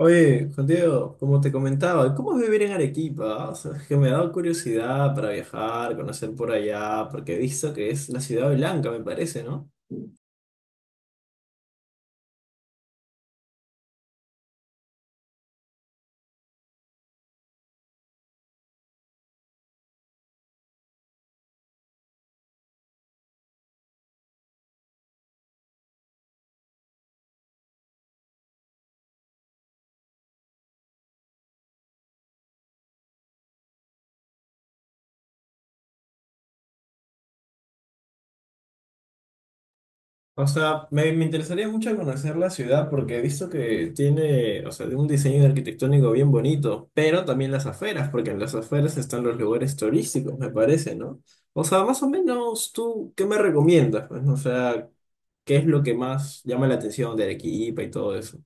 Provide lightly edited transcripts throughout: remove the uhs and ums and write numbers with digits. Oye, Juan Diego, como te comentaba, ¿cómo es vivir en Arequipa? O sea, es que me ha dado curiosidad para viajar, conocer por allá, porque he visto que es la ciudad blanca, me parece, ¿no? O sea, me interesaría mucho conocer la ciudad porque he visto que tiene, o sea, un diseño arquitectónico bien bonito, pero también las afueras, porque en las afueras están los lugares turísticos, me parece, ¿no? O sea, más o menos, ¿tú qué me recomiendas? Pues, o sea, ¿qué es lo que más llama la atención de Arequipa y todo eso?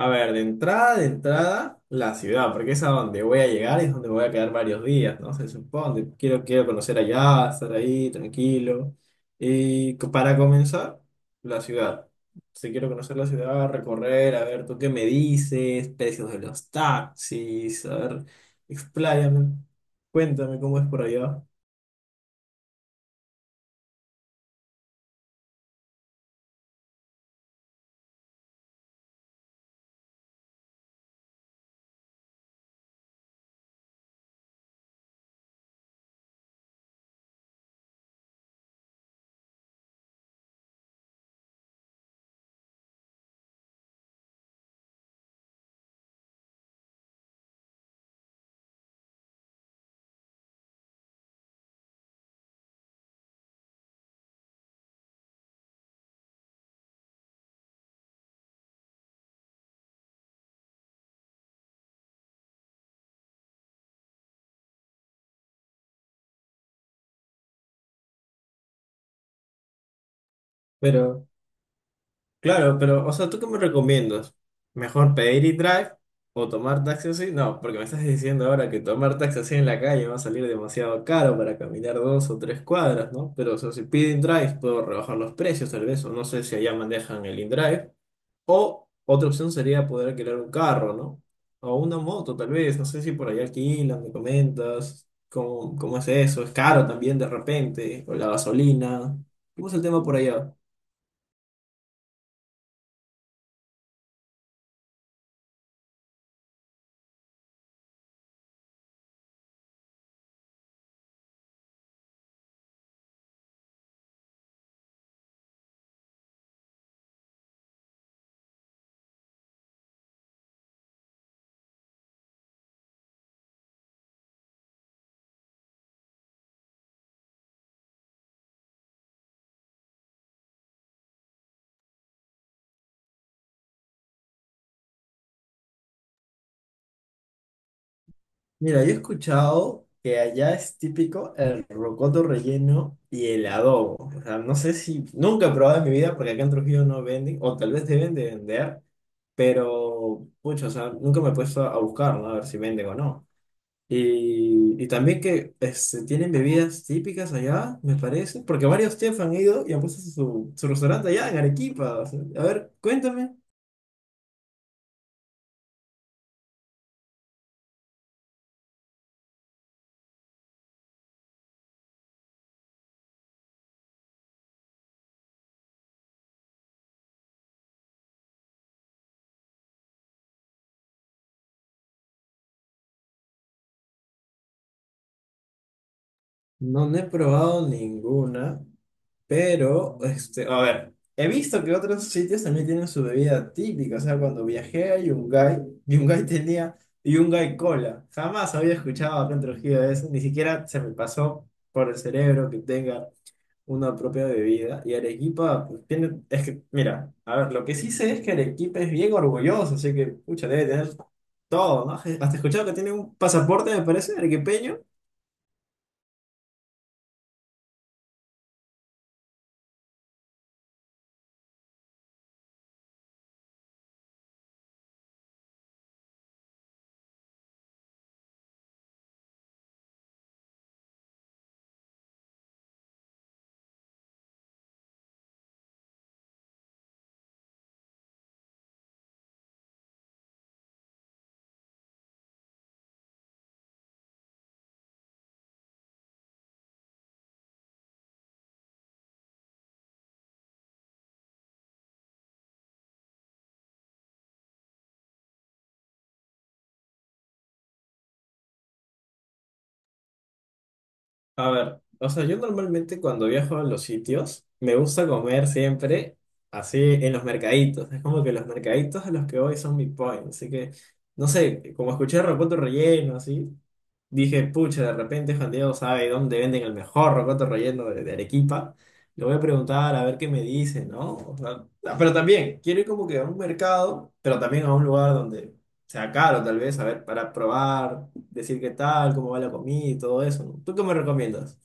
A ver, de entrada, la ciudad, porque es a donde voy a llegar y es donde voy a quedar varios días, ¿no? Se supone, quiero conocer allá, estar ahí, tranquilo. Y para comenzar, la ciudad. Si quiero conocer la ciudad, recorrer, a ver, tú qué me dices, precios de los taxis, a ver, expláyame, cuéntame cómo es por allá. Pero Claro, pero, o sea, ¿tú qué me recomiendas? ¿Mejor pedir y drive o tomar taxi así? No, porque me estás diciendo ahora que tomar taxi así en la calle va a salir demasiado caro para caminar dos o tres cuadras, ¿no? Pero, o sea, si pido in-drive, puedo rebajar los precios tal vez, o no sé si allá manejan el in-drive. O otra opción sería poder alquilar un carro, ¿no? O una moto tal vez, no sé si por allá alquilan, me comentas, ¿ cómo es eso? ¿Es caro también de repente? ¿O la gasolina? ¿Cómo es el tema por allá? Mira, yo he escuchado que allá es típico el rocoto relleno y el adobo. O sea, no sé si nunca he probado en mi vida porque acá en Trujillo no venden, o tal vez deben de vender, pero pucha, o sea, nunca me he puesto a buscar, ¿no? A ver si venden o no. Y, también que este, tienen bebidas típicas allá, me parece, porque varios chefs han ido y han puesto su restaurante allá en Arequipa. O sea, a ver, cuéntame. No, no he probado ninguna. Pero, este, a ver, he visto que otros sitios también tienen su bebida típica. O sea, cuando viajé a Yungay, Yungay tenía Yungay Cola. Jamás había escuchado acá en Trujillo de eso, ni siquiera se me pasó por el cerebro que tenga una propia bebida. Y Arequipa, pues, tiene, es que, mira, a ver, lo que sí sé es que Arequipa es bien orgulloso, así que, pucha, debe tener todo, ¿no? Hasta he escuchado que tiene un pasaporte, me parece, arequipeño. A ver, o sea, yo normalmente cuando viajo a los sitios, me gusta comer siempre así en los mercaditos. Es como que los mercaditos a los que voy son mi point. Así que, no sé, como escuché rocoto relleno, así, dije, pucha, de repente Juan Diego sabe dónde venden el mejor rocoto relleno de Arequipa. Le voy a preguntar a ver qué me dice, ¿no? O sea, ah, pero también, quiero ir como que a un mercado, pero también a un lugar donde sea caro, tal vez, a ver, para probar decir qué tal, cómo va la comida y todo eso, ¿no? ¿Tú qué me recomiendas?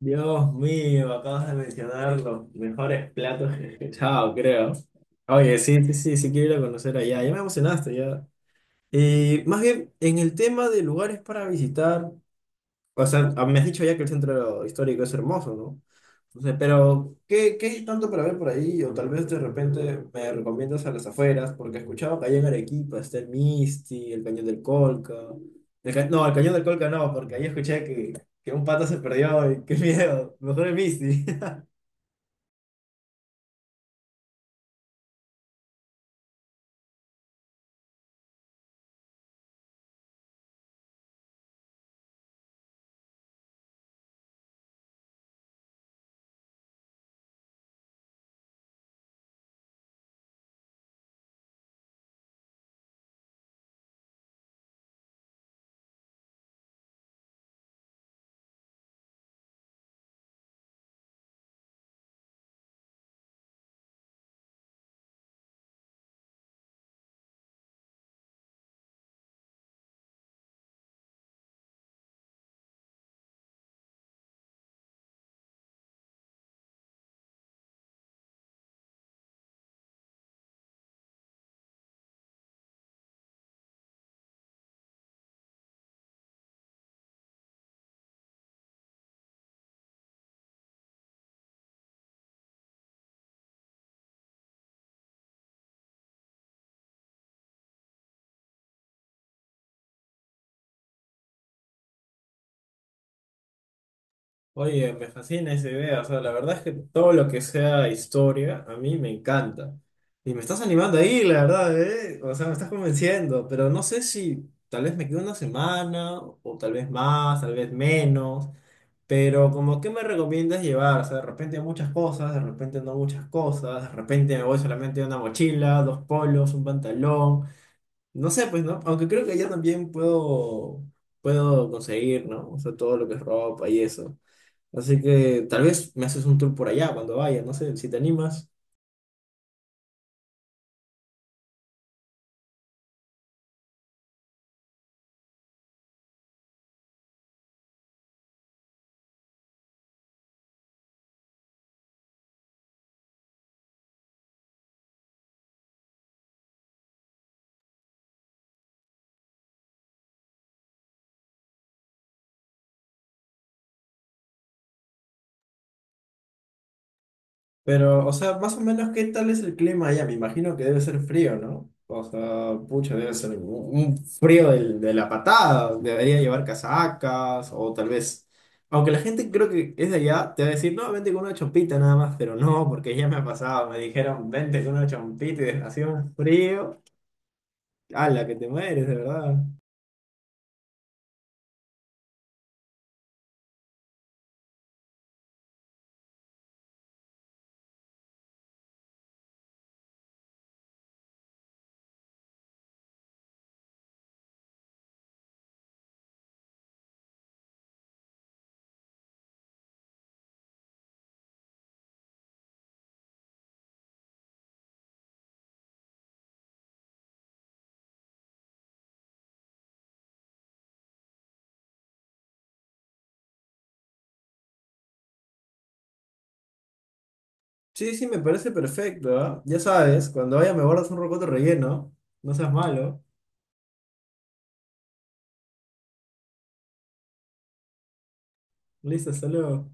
Dios mío, acabas de mencionar los mejores platos que he escuchado, creo. Oye, sí, sí, sí, sí quiero ir a conocer allá, ya me emocionaste, ya. Y más bien, en el tema de lugares para visitar, o sea, ah, me has dicho ya que el centro histórico es hermoso, ¿no? Entonces, pero, ¿ qué hay tanto para ver por ahí? O tal vez de repente me recomiendas a las afueras, porque he escuchado que allá en Arequipa está el Misti, el Cañón del Colca. No, el Cañón del Colca no, porque ahí escuché que un pato se perdió y qué miedo. Mejor el Misti. Oye, me fascina esa idea. O sea, la verdad es que todo lo que sea historia, a mí me encanta. Y me estás animando ahí, la verdad, ¿eh? O sea, me estás convenciendo, pero no sé si tal vez me quedo una semana, o tal vez más, tal vez menos. Pero como, ¿qué me recomiendas llevar? O sea, de repente muchas cosas, de repente no muchas cosas, de repente me voy solamente una mochila, dos polos, un pantalón. No sé, pues, ¿no? Aunque creo que allá también puedo, puedo conseguir, ¿no? O sea, todo lo que es ropa y eso. Así que tal vez me haces un tour por allá cuando vaya, no sé si te animas. Pero, o sea, más o menos, ¿qué tal es el clima allá? Me imagino que debe ser frío, ¿no? O sea, pucha, debe ser un frío de la patada. Debería llevar casacas o tal vez... Aunque la gente creo que es de allá, te va a decir, no, vente con una chompita nada más, pero no, porque ya me ha pasado. Me dijeron, vente con una chompita y hacía un frío. ¡Hala, que te mueres, de verdad! Sí, sí, me parece perfecto, ¿ah? Ya sabes, cuando vaya me guardas un rocoto relleno. No seas malo. Listo, hasta luego.